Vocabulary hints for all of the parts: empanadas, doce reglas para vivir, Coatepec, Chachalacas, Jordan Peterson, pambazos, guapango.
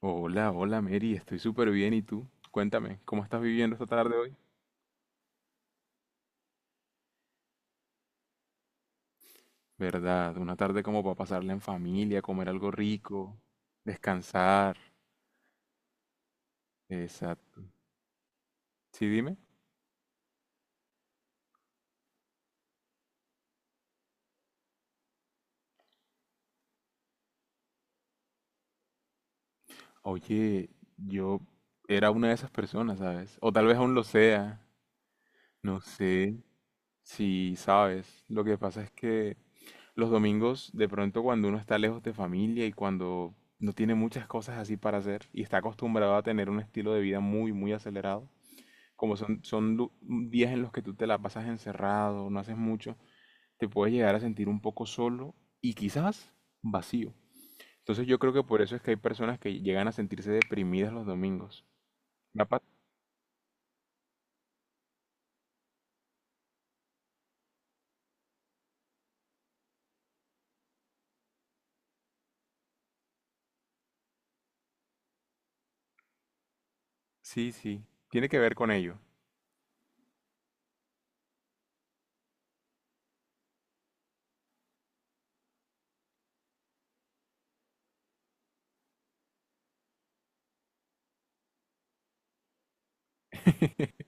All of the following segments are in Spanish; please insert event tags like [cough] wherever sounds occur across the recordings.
Hola, hola Mary, estoy súper bien. ¿Y tú? Cuéntame, ¿cómo estás viviendo esta tarde hoy? ¿Verdad? Una tarde como para pasarla en familia, comer algo rico, descansar. Exacto. Sí, dime. Oye, yo era una de esas personas, ¿sabes? O tal vez aún lo sea. No sé si sabes. Lo que pasa es que los domingos, de pronto cuando uno está lejos de familia y cuando no tiene muchas cosas así para hacer y está acostumbrado a tener un estilo de vida muy, muy acelerado, como son, son lu- mm, días en los que tú te la pasas encerrado, no haces mucho, te puedes llegar a sentir un poco solo y quizás vacío. Entonces yo creo que por eso es que hay personas que llegan a sentirse deprimidas los domingos. Me ha pa- Sí, sí, tiene que ver con ello. [laughs]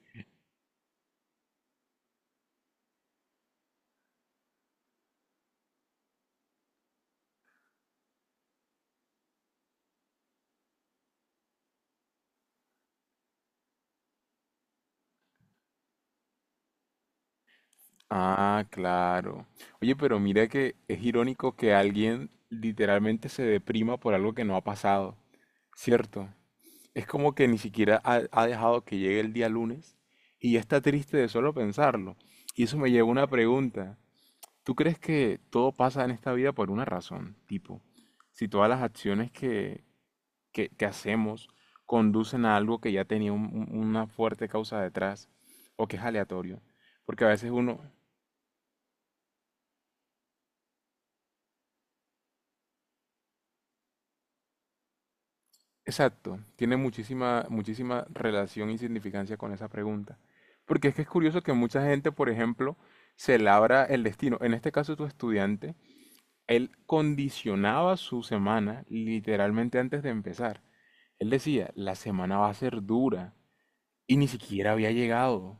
Ah, claro. Oye, pero mira que es irónico que alguien literalmente se deprima por algo que no ha pasado, ¿cierto? Es como que ni siquiera ha dejado que llegue el día lunes y ya está triste de solo pensarlo. Y eso me lleva a una pregunta. ¿Tú crees que todo pasa en esta vida por una razón? Tipo, si todas las acciones que hacemos conducen a algo que ya tenía una fuerte causa detrás o que es aleatorio. Porque a veces uno, exacto, tiene muchísima, muchísima relación y significancia con esa pregunta. Porque es que es curioso que mucha gente, por ejemplo, se labra el destino. En este caso, tu estudiante, él condicionaba su semana literalmente antes de empezar. Él decía, la semana va a ser dura y ni siquiera había llegado.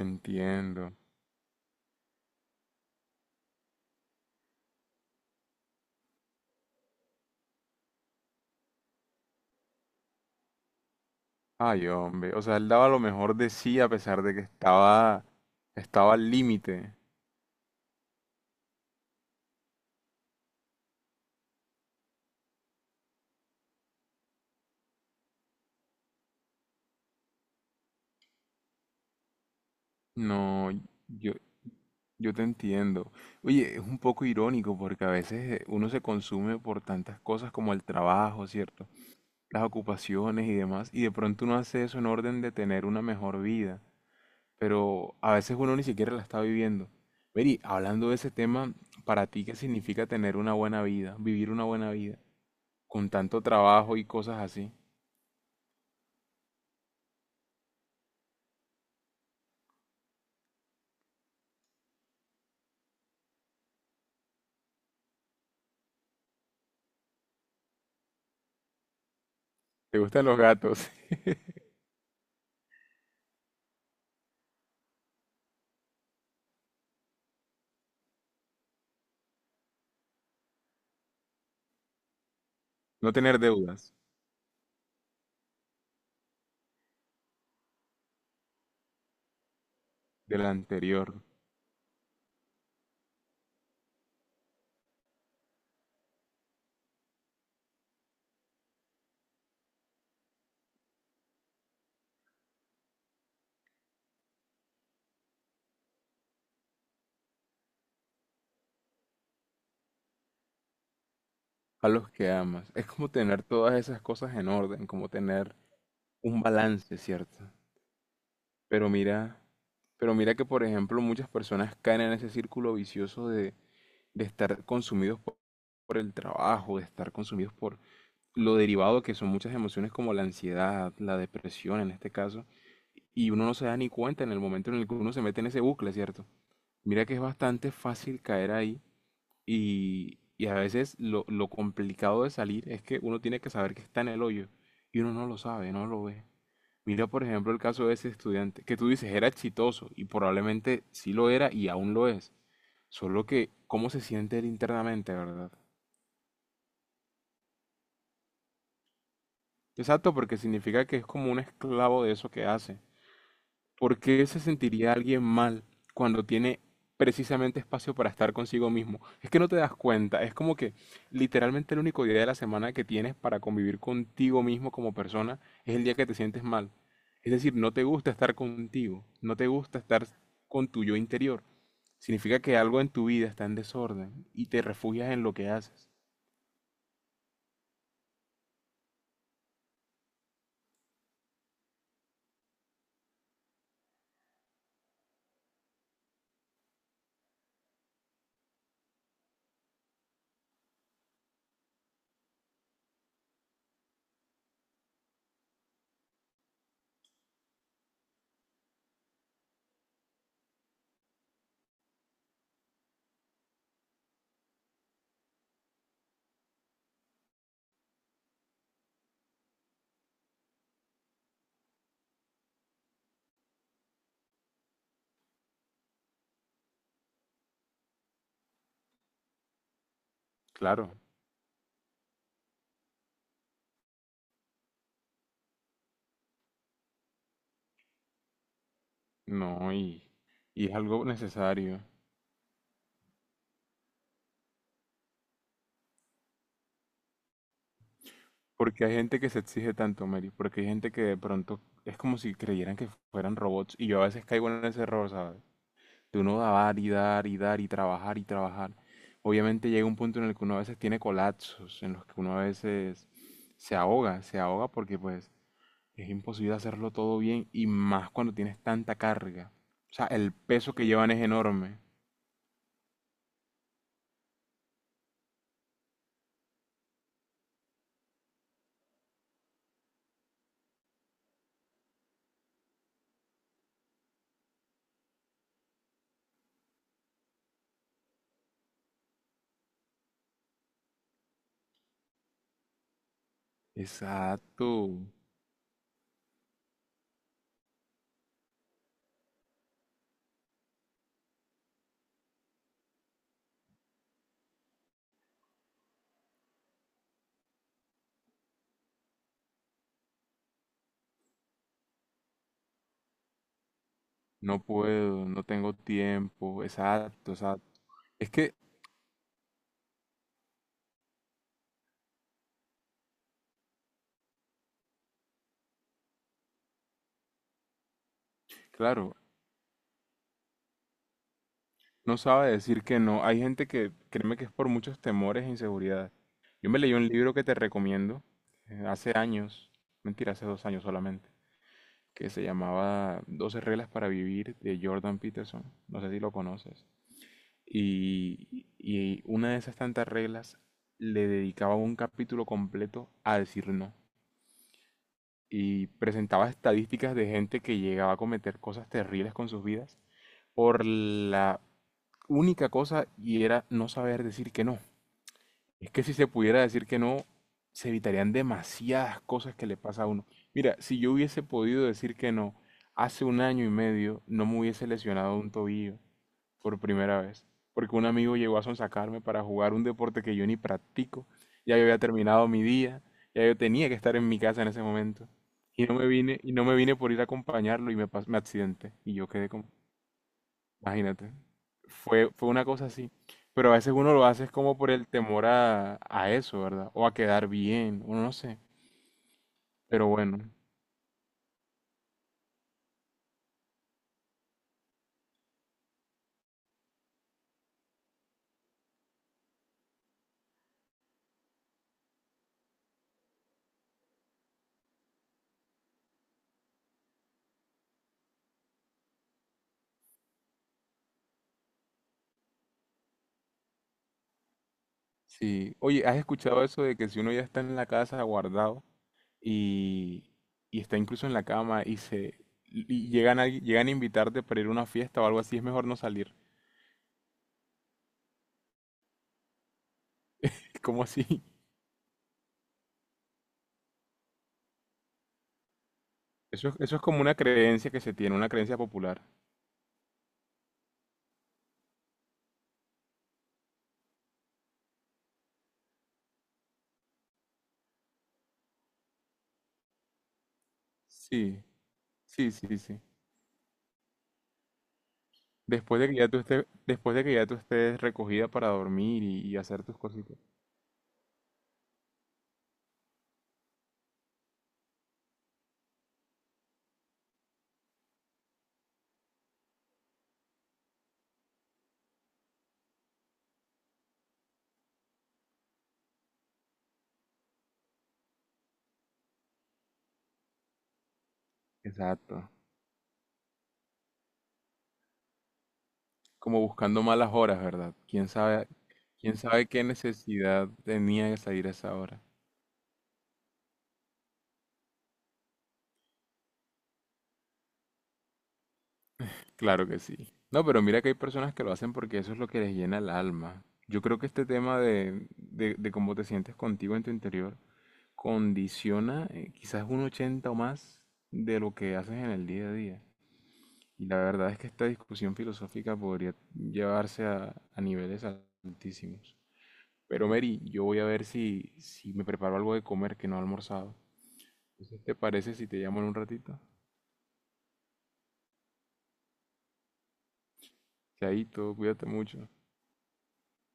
Entiendo. Ay, hombre, o sea, él daba lo mejor de sí a pesar de que estaba, estaba al límite. No, yo, Yo te entiendo. Oye, es un poco irónico porque a veces uno se consume por tantas cosas como el trabajo, ¿cierto? Las ocupaciones y demás, y de pronto uno hace eso en orden de tener una mejor vida, pero a veces uno ni siquiera la está viviendo. Mary, hablando de ese tema, ¿para ti qué significa tener una buena vida, vivir una buena vida, con tanto trabajo y cosas así? ¿Te gustan los gatos? [laughs] No tener deudas del anterior, a los que amas. Es como tener todas esas cosas en orden, como tener un balance, ¿cierto? Pero mira, pero mira que, por ejemplo, muchas personas caen en ese círculo vicioso de estar consumidos por el trabajo, de estar consumidos por lo derivado que son muchas emociones como la ansiedad, la depresión en este caso, y uno no se da ni cuenta en el momento en el que uno se mete en ese bucle, ¿cierto? Mira que es bastante fácil caer ahí y a veces lo complicado de salir es que uno tiene que saber que está en el hoyo y uno no lo sabe, no lo ve. Mira, por ejemplo, el caso de ese estudiante, que tú dices era exitoso y probablemente sí lo era y aún lo es. Solo que, ¿cómo se siente él internamente, verdad? Exacto, porque significa que es como un esclavo de eso que hace. ¿Por qué se sentiría alguien mal cuando tiene precisamente espacio para estar consigo mismo? Es que no te das cuenta, es como que literalmente el único día de la semana que tienes para convivir contigo mismo como persona es el día que te sientes mal. Es decir, no te gusta estar contigo, no te gusta estar con tu yo interior. Significa que algo en tu vida está en desorden y te refugias en lo que haces. Claro, no, y es algo necesario. Porque hay gente que se exige tanto, Mary, porque hay gente que de pronto es como si creyeran que fueran robots y yo a veces caigo en ese error, ¿sabes? De uno dar y dar y dar y trabajar y trabajar. Obviamente llega un punto en el que uno a veces tiene colapsos, en los que uno a veces se ahoga porque pues es imposible hacerlo todo bien y más cuando tienes tanta carga. O sea, el peso que llevan es enorme. Exacto. No puedo, no tengo tiempo. Exacto, exacto. Es que, claro, no sabe decir que no. Hay gente que, créeme que es por muchos temores e inseguridades. Yo me leí un libro que te recomiendo, hace años, mentira, hace 2 años solamente, que se llamaba 12 reglas para vivir de Jordan Peterson. No sé si lo conoces. Y, y una de esas tantas reglas le dedicaba un capítulo completo a decir no. Y presentaba estadísticas de gente que llegaba a cometer cosas terribles con sus vidas por la única cosa y era no saber decir que no. Es que si se pudiera decir que no, se evitarían demasiadas cosas que le pasa a uno. Mira, si yo hubiese podido decir que no hace un año y medio, no me hubiese lesionado un tobillo por primera vez, porque un amigo llegó a sonsacarme para jugar un deporte que yo ni practico. Ya yo había terminado mi día, ya yo tenía que estar en mi casa en ese momento. Y no me vine, y no me vine por ir a acompañarlo y me, me accidenté. Y yo quedé como, imagínate. Fue, fue una cosa así. Pero a veces uno lo hace es como por el temor a eso, ¿verdad? O a quedar bien, uno no sé. Pero bueno, sí. Oye, ¿has escuchado eso de que si uno ya está en la casa guardado y, y está incluso en la cama y se y llegan a invitarte para ir a una fiesta o algo así, es mejor no salir? [laughs] ¿Cómo así? Eso es como una creencia que se tiene, una creencia popular. Sí, sí, sí, sí. Después de que ya tú estés, después de que ya tú estés recogida para dormir y hacer tus cositas. Exacto. Como buscando malas horas, ¿verdad? Quién sabe qué necesidad tenía de salir a esa hora? Claro que sí. No, pero mira que hay personas que lo hacen porque eso es lo que les llena el alma. Yo creo que este tema de cómo te sientes contigo en tu interior condiciona quizás un 80 o más de lo que haces en el día a día. Y la verdad es que esta discusión filosófica podría llevarse a niveles altísimos. Pero Mary, yo voy a ver si me preparo algo de comer que no he almorzado. ¿Te parece si te llamo en un ratito? Chaito, cuídate mucho.